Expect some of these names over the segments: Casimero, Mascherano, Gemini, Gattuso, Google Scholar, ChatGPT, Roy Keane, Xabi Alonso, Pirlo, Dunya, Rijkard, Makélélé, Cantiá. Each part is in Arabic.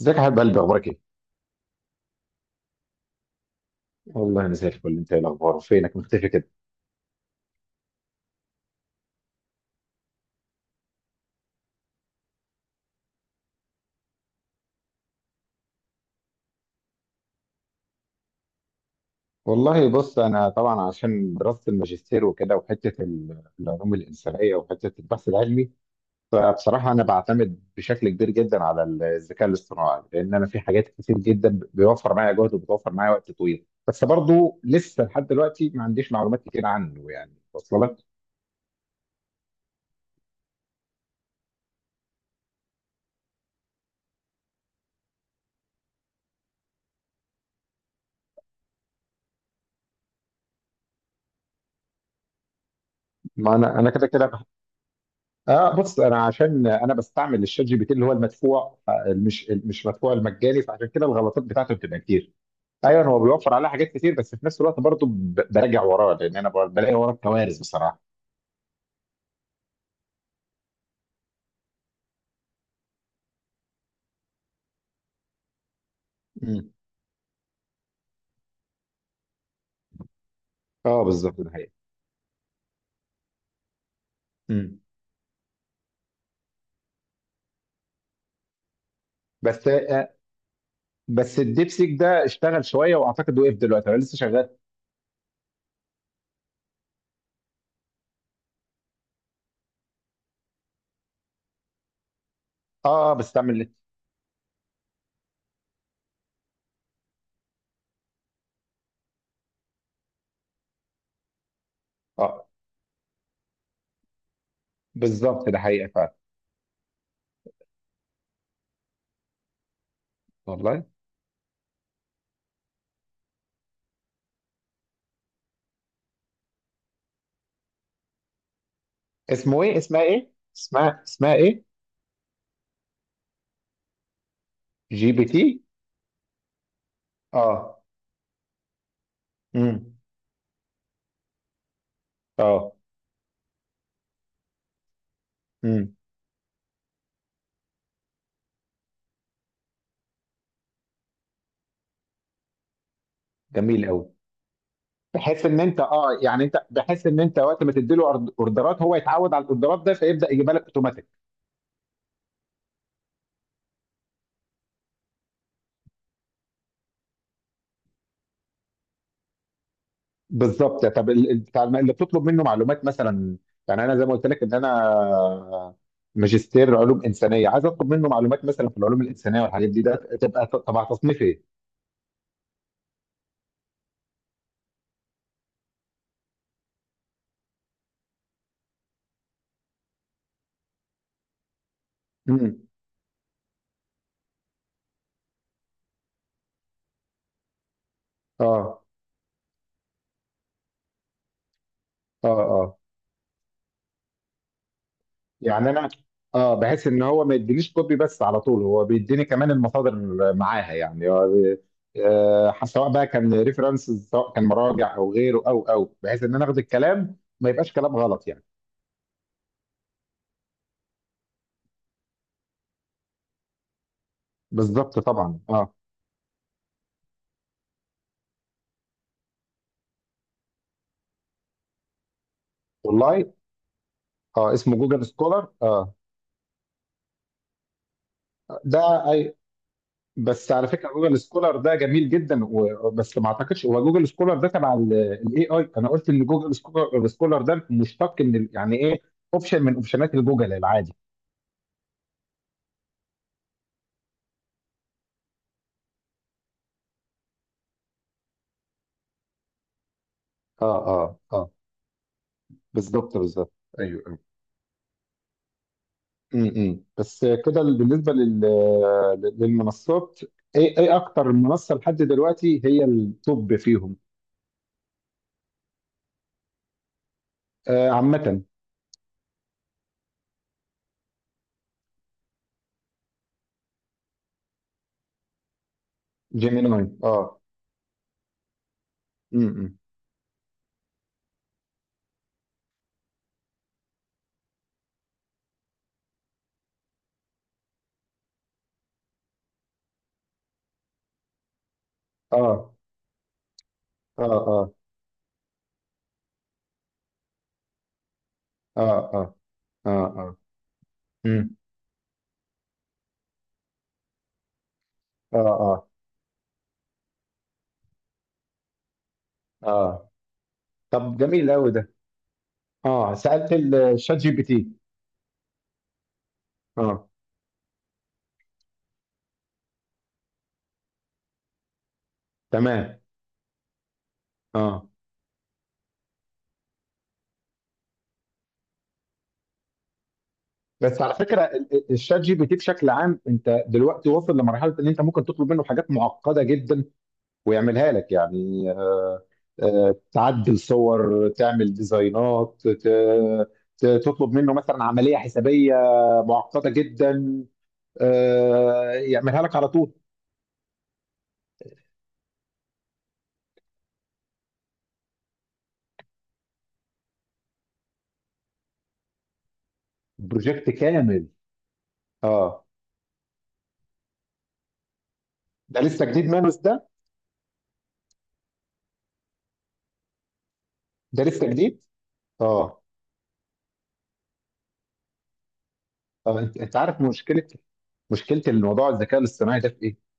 ازيك يا حبيب قلبي اخبارك ايه؟ والله انا زي الفل. انت ايه الاخبار؟ فينك مختفي كده؟ والله بص، انا طبعا عشان دراسه الماجستير وكده وحته العلوم الانسانيه وحته البحث العلمي، فبصراحه انا بعتمد بشكل كبير جدا على الذكاء الاصطناعي، لان انا في حاجات كتير جدا بيوفر معايا جهد وبتوفر معايا وقت طويل، بس برضو لسه لحد دلوقتي ما عنديش معلومات كتير عنه، يعني واصله لك؟ ما انا كده كده. اه، بص، انا عشان انا بستعمل الشات جي بي تي اللي هو المدفوع، مش مدفوع، المجاني، فعشان كده الغلطات بتاعته بتبقى كتير. ايوه، هو بيوفر عليها حاجات كتير، بس في نفس الوقت برضه براجع وراه، لان انا بلاقي وراه كوارث بصراحه. مم. اه بالظبط، ده حقيقي. مم. بس بس الديبسيك ده اشتغل شويه واعتقد وقف دلوقتي ولا لسه شغال؟ اه، بستعمل. اه بالظبط، ده حقيقه فعلا. والله، اسمه ايه؟ اسمها ايه؟ جي بي تي. اه. امم اه. امم جميل قوي. بحيث ان انت يعني انت بحيث ان انت وقت ما تديله اوردرات هو يتعود على الاوردرات ده فيبدا يجيبها لك اوتوماتيك. بالظبط. طب بتاع اللي بتطلب منه معلومات مثلا، يعني انا زي ما قلت لك ان انا ماجستير علوم انسانيه، عايز اطلب منه معلومات مثلا في العلوم الانسانيه والحاجات دي، ده تبقى تبع تصنيف ايه؟ امم اه اه اه. يعني انا، اه، بحس ان هو ما يدينيش كوبي بس، على طول هو بيديني كمان المصادر معاها، يعني هو سواء بقى كان ريفرنسز، سواء كان مراجع او غيره او بحيث ان انا اخد الكلام ما يبقاش كلام غلط يعني. بالظبط طبعا، اه. والله، اه، اسمه جوجل سكولر، اه. ده اي، بس على فكره جوجل سكولر ده جميل جدا، بس ما اعتقدش هو جوجل سكولر ده تبع الاي اي، انا قلت ان جوجل سكولر ده مشتق من يعني ايه، اوبشن من اوبشنات الجوجل العادي. اه اه اه، بالظبط بالظبط، ايوه ايوه. بس كده، بالنسبه للمنصات، ايه اكتر منصه لحد دلوقتي هي التوب فيهم؟ آه، عامه. جيميناي، اه. امم اه اه اه اه اه اه اه. امم اه اه اه. طب جميل قوي ده. اه، سألت الشات جي بي تي. اه تمام. اه، بس على فكره الشات جي بي تي بشكل عام، انت دلوقتي واصل لمرحله ان انت ممكن تطلب منه حاجات معقده جدا ويعملها لك، يعني تعدل صور، تعمل ديزاينات، تطلب منه مثلا عملية حسابية معقدة جدا، يعملها لك على طول. بروجكت كامل. اه. ده لسه جديد مانوس ده؟ ده لسه جديد. اه. انت انت عارف مشكلة، الموضوع الذكاء الاصطناعي ده في ايه؟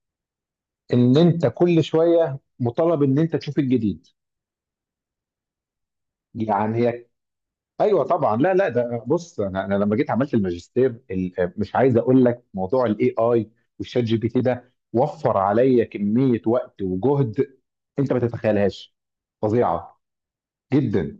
ان انت كل شوية مطالب ان انت تشوف الجديد. يعني هي، ايوه طبعا. لا لا، ده بص، انا لما جيت عملت الماجستير مش عايز اقول لك، موضوع الاي اي والشات جي بي تي ده وفر عليا كميه وقت وجهد انت ما تتخيلهاش، فظيعه جدا.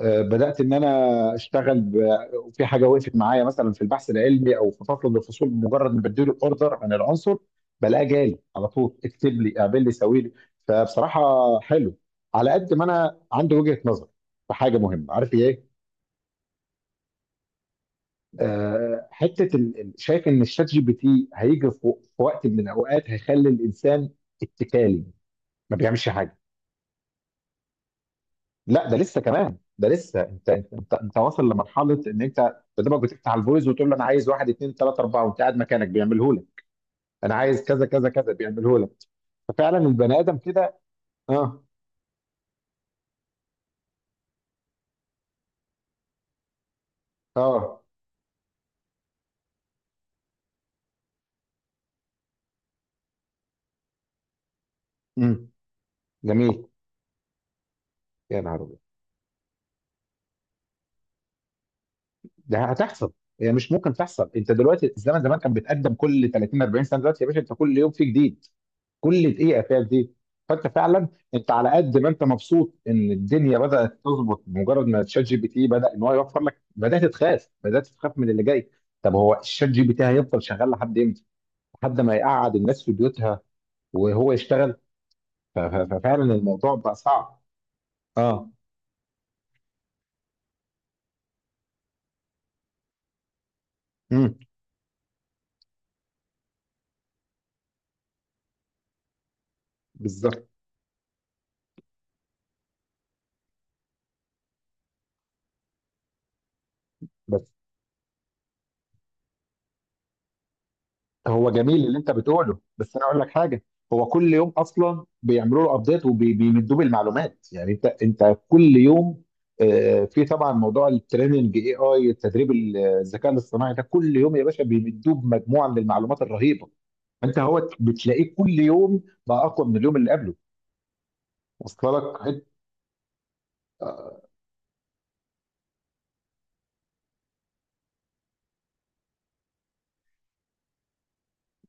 بدات ان انا اشتغل في حاجه وقفت معايا مثلا في البحث العلمي او في فصل من الفصول، مجرد ما بديله الاوردر عن العنصر بلاقيه جالي على طول اكتب لي، اعمل لي، سوي لي. فبصراحه حلو. على قد ما انا عندي وجهه نظر في حاجه مهمه، عارف ايه؟ حته شايف ان الشات جي بي تي هيجي في في وقت من الاوقات هيخلي الانسان اتكالي، ما بيعملش حاجه. لا، ده لسه، كمان ده لسه، انت انت انت أنت واصل لمرحله ان انت قدامك بتفتح الفويس وتقول له انا عايز واحد اثنين ثلاثه اربعه، وانت قاعد مكانك بيعمله لك. انا عايز كذا كذا كذا بيعمله لك. ففعلا البني ادم كده. اه اه. امم جميل. يا نهار ابيض، ده هتحصل؟ هي مش ممكن تحصل؟ انت دلوقتي الزمن زمان كان بيتقدم كل 30 40 سنه، دلوقتي يا باشا انت كل يوم في جديد، كل دقيقه فيها زيت. فانت فعلا، انت على قد ما انت مبسوط ان الدنيا بدات تظبط بمجرد ما تشات جي بي تي بدا ان هو يوفر لك، بدات تخاف، من اللي جاي. طب هو الشات جي بي تي هيفضل شغال لحد امتى؟ لحد ما يقعد الناس في بيوتها وهو يشتغل. ففعلا الموضوع بقى صعب. اه. امم بالظبط. هو جميل اللي انت بتقوله، بس انا اقول لك حاجه، هو كل يوم اصلا بيعملوا له ابديت وبيمدوه بالمعلومات، يعني انت كل يوم، في طبعا موضوع التريننج، اي اي التدريب، الذكاء الاصطناعي ده كل يوم يا باشا بيمدوه بمجموعه من المعلومات الرهيبه، انت هو بتلاقيه كل يوم بقى اقوى من اليوم اللي قبله. وصل لك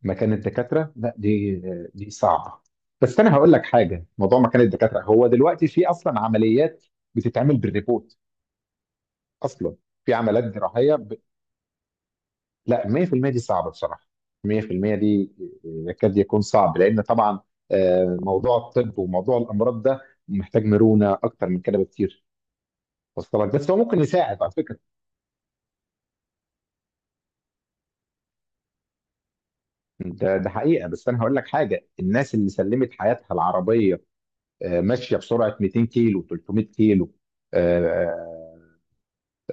مكان الدكاتره؟ لا دي، دي صعبه. بس انا هقول لك حاجه، موضوع مكان الدكاتره، هو دلوقتي في اصلا عمليات بتتعمل بالريبوت اصلا، في عمليات جراحيه لا، 100% دي صعبه بصراحه. 100% دي يكاد يكون صعب، لان طبعا موضوع الطب وموضوع الامراض ده محتاج مرونه اكتر من كده بكتير. وصلت، بس هو ممكن يساعد على فكره. ده حقيقه. بس انا هقول لك حاجه، الناس اللي سلمت حياتها العربيه ماشيه بسرعه 200 كيلو 300 كيلو، آه، آه،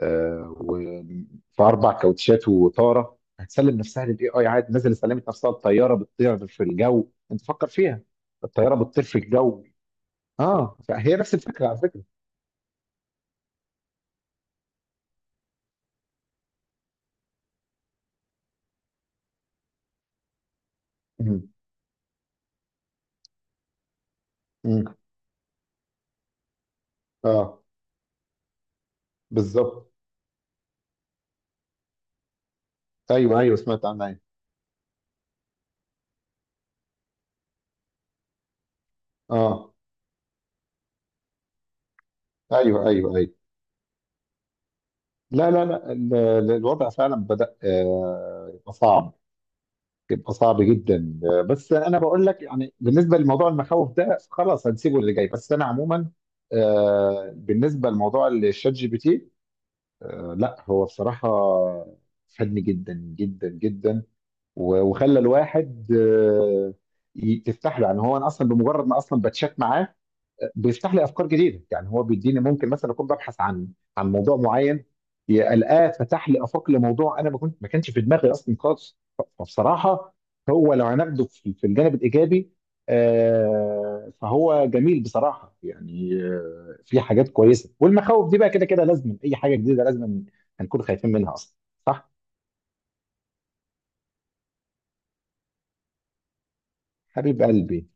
آه، وفي اربع كاوتشات وطاره، هتسلم نفسها للاي اي عادي، نزل سلمت نفسها، الطياره بتطير في الجو انت فكر فيها، الطياره بتطير في الجو. اه فهي نفس الفكره على فكره. مم. مم. اه بالظبط. ايوه ايوه، سمعت عنها ايوه. اه. ايوه ايوه ايوه. لا لا لا، الوضع فعلا بدأ يبقى صعب، بيبقى صعب جدا. بس انا بقول لك يعني، بالنسبه لموضوع المخاوف ده خلاص هنسيبه اللي جاي، بس انا عموما، بالنسبه لموضوع الشات جي بي تي، لا هو بصراحه فادني جدا جدا جدا، وخلى الواحد، تفتح له، يعني هو انا اصلا بمجرد ما اصلا بتشات معاه بيفتح لي افكار جديده، يعني هو بيديني، ممكن مثلا اكون ببحث عن موضوع معين، القاه فتح لي افاق لموضوع انا ما كانش في دماغي اصلا خالص. فبصراحه، هو لو هناخده في الجانب الايجابي، فهو جميل بصراحه يعني، في حاجات كويسه، والمخاوف دي بقى كده كده لازم، اي حاجه جديده لازم هنكون خايفين منها اصلا، صح؟ حبيب قلبي.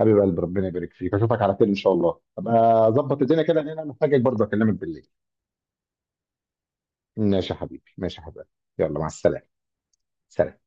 ربنا يبارك فيك، اشوفك على خير ان شاء الله، ابقى اظبط الدنيا كده لان انا محتاجك، برضه اكلمك بالليل. ماشي يا حبيبي، ماشي يا حبيبي، يلا مع السلامة. سلام.